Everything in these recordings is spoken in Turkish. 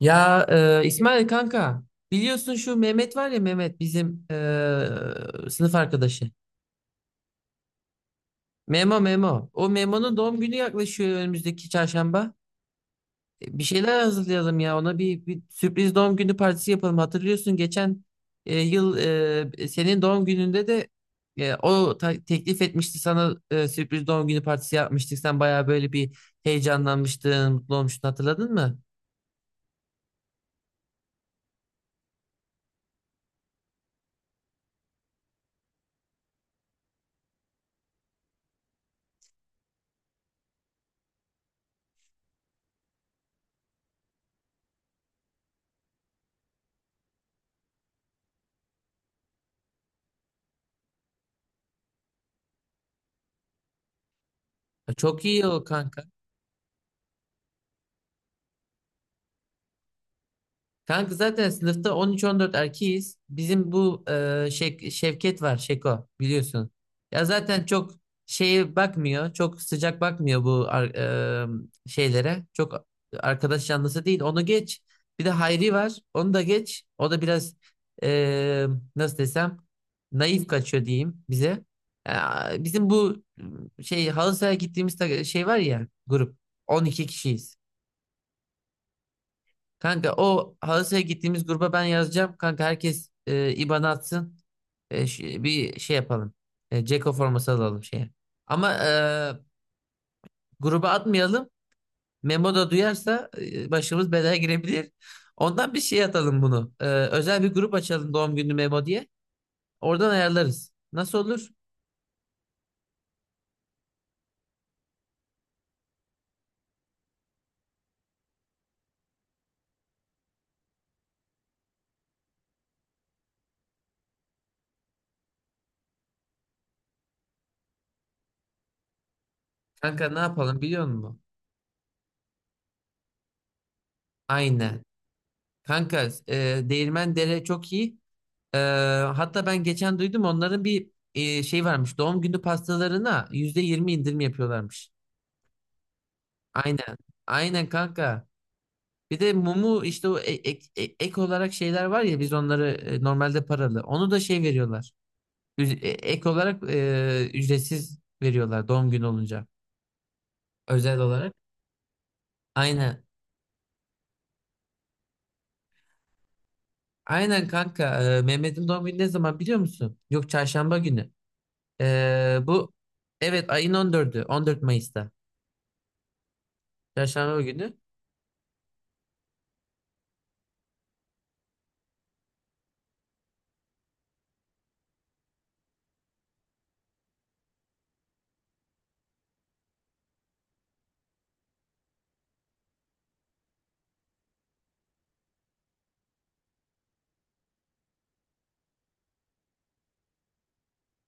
Ya, İsmail kanka biliyorsun şu Mehmet var ya Mehmet bizim sınıf arkadaşı. Memo Memo. O Memo'nun doğum günü yaklaşıyor önümüzdeki çarşamba. Bir şeyler hazırlayalım ya ona bir sürpriz doğum günü partisi yapalım. Hatırlıyorsun geçen yıl senin doğum gününde de o teklif etmişti sana sürpriz doğum günü partisi yapmıştık. Sen bayağı böyle bir heyecanlanmıştın, mutlu olmuştun hatırladın mı? Ya, çok iyi o kanka. Kanka zaten sınıfta 13-14 erkeğiz. Bizim bu Şevket var, Şeko biliyorsun. Ya zaten çok şeye bakmıyor, çok sıcak bakmıyor bu şeylere. Çok arkadaş canlısı değil. Onu geç. Bir de Hayri var. Onu da geç. O da biraz e, nasıl desem naif kaçıyor diyeyim bize. Ya bizim bu şey halı sahaya gittiğimiz şey var ya grup. 12 kişiyiz. Kanka o halı sahaya gittiğimiz gruba ben yazacağım. Kanka herkes IBAN atsın. Bir şey yapalım. Ceko forması alalım şeye. Ama gruba atmayalım. Memo da duyarsa başımız belaya girebilir. Ondan bir şey atalım bunu. Özel bir grup açalım doğum günü Memo diye. Oradan ayarlarız. Nasıl olur? Kanka ne yapalım biliyor musun? Aynen. Kanka Değirmen Dere çok iyi. Ee, hatta ben geçen duydum onların bir şey varmış. Doğum günü pastalarına %20 indirim yapıyorlarmış. Aynen. Aynen kanka. Bir de mumu işte o e- ek, e- ek olarak şeyler var ya biz onları e, normalde paralı. Onu da şey veriyorlar. Üz- e- Ek olarak e, ücretsiz veriyorlar doğum günü olunca. Özel olarak. Aynen. Aynen kanka. Mehmet'in doğum günü ne zaman biliyor musun? Yok, çarşamba günü. Bu, evet, ayın 14'ü, 14 Mayıs'ta. Çarşamba günü.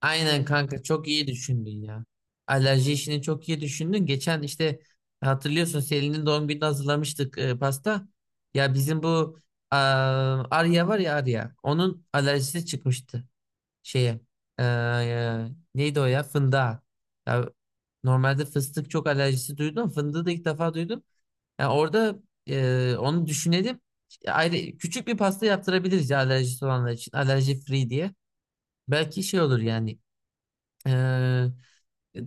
Aynen kanka, çok iyi düşündün ya. Alerji işini çok iyi düşündün. Geçen işte hatırlıyorsun Selin'in doğum gününde hazırlamıştık pasta. Ya bizim bu a, Arya var ya Arya. Onun alerjisi çıkmıştı şeye. E, e, neydi o ya? Fındığa. Ya, normalde fıstık çok alerjisi duydum. Fındığı da ilk defa duydum. Ya orada onu düşünelim. Ayrı küçük bir pasta yaptırabiliriz ya alerjisi olanlar için. Alerji free diye. Belki şey olur yani ee,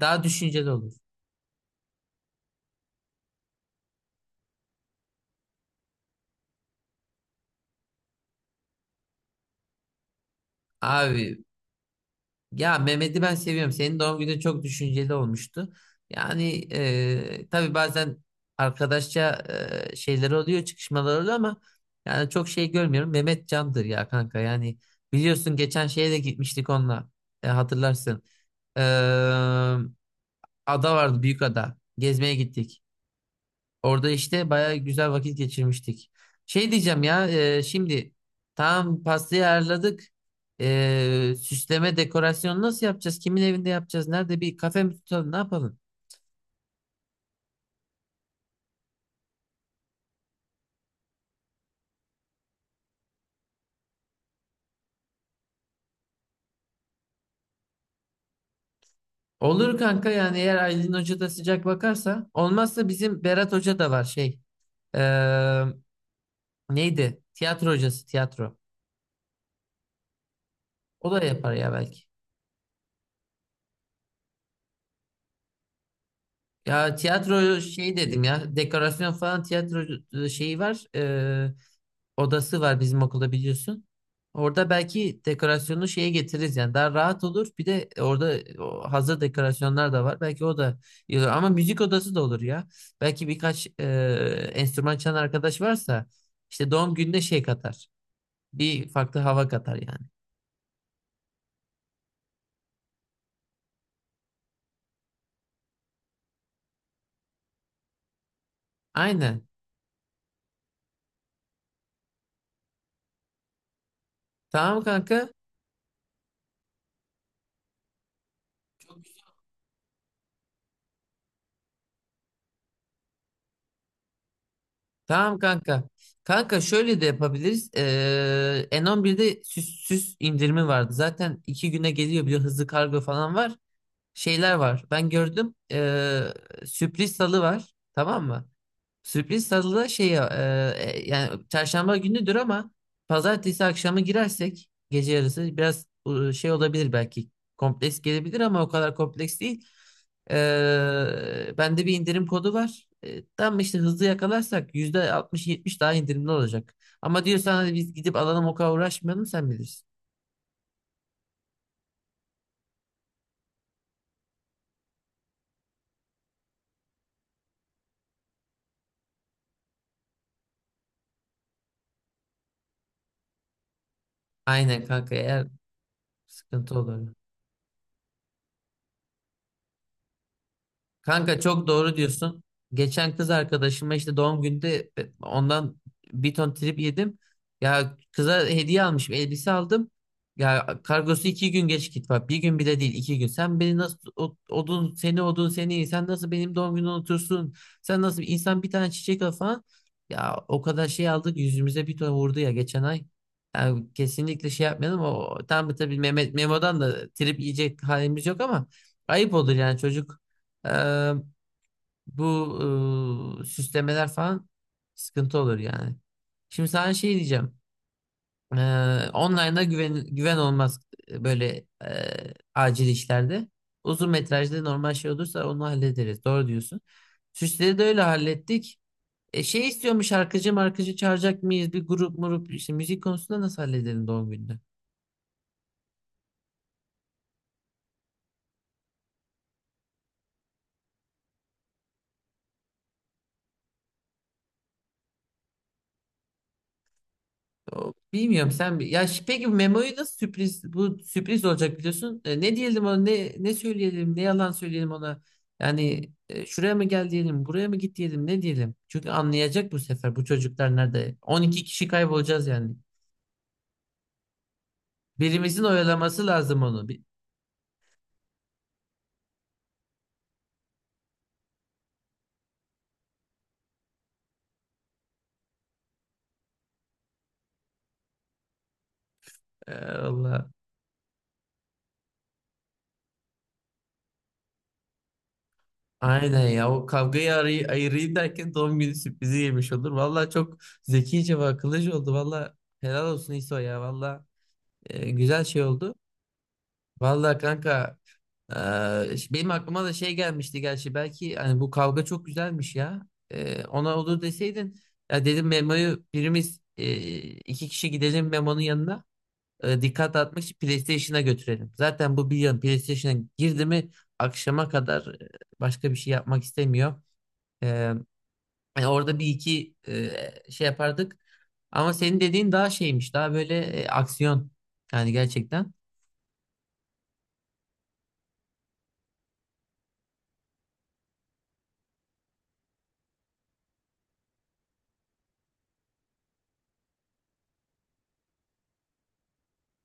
daha düşünceli olur. Abi ya Mehmet'i ben seviyorum. Senin doğum günün çok düşünceli olmuştu. Yani tabii bazen arkadaşça şeyler oluyor, çıkışmalar oluyor ama yani çok şey görmüyorum. Mehmet candır ya kanka. Yani biliyorsun geçen şeye de gitmiştik onunla. Hatırlarsın. Ee, ada vardı, büyük ada. Gezmeye gittik. Orada işte bayağı güzel vakit geçirmiştik. Şey diyeceğim ya şimdi tam pastayı ayarladık. Süsleme dekorasyon nasıl yapacağız? Kimin evinde yapacağız? Nerede bir kafe mi tutalım? Ne yapalım? Olur kanka, yani eğer Aylin Hoca da sıcak bakarsa. Olmazsa bizim Berat Hoca da var şey. e, neydi? Tiyatro hocası, tiyatro. O da yapar ya belki. Ya tiyatro şey dedim ya, dekorasyon falan tiyatro şeyi var. Odası var bizim okulda biliyorsun. Orada belki dekorasyonu şeye getiririz, yani daha rahat olur. Bir de orada o hazır dekorasyonlar da var. Belki o da iyi olur. Ama müzik odası da olur ya. Belki birkaç enstrüman çalan arkadaş varsa işte doğum gününe şey katar. Bir farklı hava katar yani. Aynen. Tamam kanka. Tamam kanka. Kanka şöyle de yapabiliriz. N11'de süs indirimi vardı. Zaten 2 güne geliyor, bir de hızlı kargo falan var. Şeyler var. Ben gördüm. Sürpriz salı var. Tamam mı? Sürpriz salı da şey ya, yani çarşamba günüdür ama pazartesi akşamı girersek gece yarısı biraz şey olabilir belki. Kompleks gelebilir ama o kadar kompleks değil. Bende bir indirim kodu var. Tam işte hızlı yakalarsak %60 70 daha indirimli olacak. Ama diyorsan hadi biz gidip alalım, o kadar uğraşmayalım, sen bilirsin. Aynen kanka, eğer sıkıntı olur. Kanka çok doğru diyorsun. Geçen kız arkadaşıma işte doğum günde ondan bir ton trip yedim. Ya kıza hediye almışım, elbise aldım. Ya kargosu 2 gün geç git bak. Bir gün bile değil, 2 gün. Sen beni nasıl odun seni, odun seni, sen nasıl benim doğum günümü unutursun? Sen nasıl insan, bir tane çiçek al falan. Ya o kadar şey aldık, yüzümüze bir ton vurdu ya geçen ay. Yani kesinlikle şey yapmayalım. O tam tabii Mehmet Memo'dan da trip yiyecek halimiz yok ama ayıp olur yani, çocuk. Eee, bu süslemeler falan sıkıntı olur yani. Şimdi sana şey diyeceğim. Online'da güven olmaz böyle acil işlerde. Uzun metrajda normal şey olursa onu hallederiz. Doğru diyorsun. Süsleri de öyle hallettik. Şey istiyormuş, şarkıcı markıcı çağıracak mıyız? Bir grup murup işte müzik konusunda nasıl halledelim doğum gününü? Bilmiyorum, sen peki bu memoyu nasıl sürpriz, bu sürpriz olacak biliyorsun. Ne diyelim ona, ne söyleyelim, ne yalan söyleyelim ona. Yani şuraya mı gel diyelim, buraya mı git diyelim, ne diyelim? Çünkü anlayacak bu sefer, bu çocuklar nerede. 12 kişi kaybolacağız yani. Birimizin oyalaması lazım onu. Allah. Aynen ya, o kavgayı ayırayım derken doğum günü sürprizi yemiş olur. Vallahi çok zekice ve akıllıca oldu. Vallahi helal olsun İso ya. Vallahi güzel şey oldu. Vallahi kanka, benim aklıma da şey gelmişti gerçi, belki hani bu kavga çok güzelmiş ya. Ona olur deseydin, ya dedim Memo'yu birimiz iki kişi gidelim Memo'nun yanına. Dikkat dağıtmak için PlayStation'a götürelim. Zaten bu bir yan PlayStation'a girdi mi akşama kadar başka bir şey yapmak istemiyor. Orada bir iki şey yapardık. Ama senin dediğin daha şeymiş. Daha böyle aksiyon. Yani gerçekten.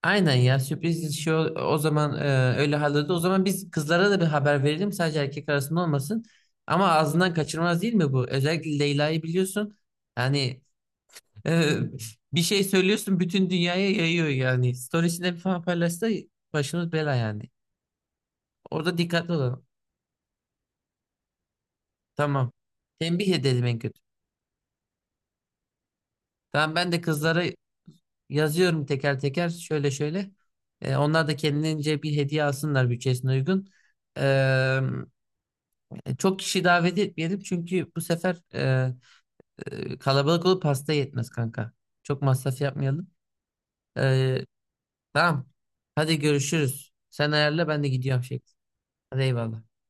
Aynen ya sürpriz şey, o zaman öyle halloldu. O zaman biz kızlara da bir haber verelim. Sadece erkek arasında olmasın. Ama ağzından kaçırmaz değil mi bu? Özellikle Leyla'yı biliyorsun. Yani Ee, bir şey söylüyorsun bütün dünyaya yayıyor yani. Storiesinde falan paylaşsa başımız bela yani. Orada dikkatli olalım. Tamam. Tembih edelim en kötü. Tamam, ben de kızlara yazıyorum teker teker, şöyle şöyle. Onlar da kendince bir hediye alsınlar bütçesine uygun. Ee, çok kişi davet etmeyelim çünkü bu sefer kalabalık olup hasta yetmez kanka. Çok masraf yapmayalım. Ee, tamam. Hadi görüşürüz. Sen ayarla, ben de gidiyorum şey. Hadi eyvallah.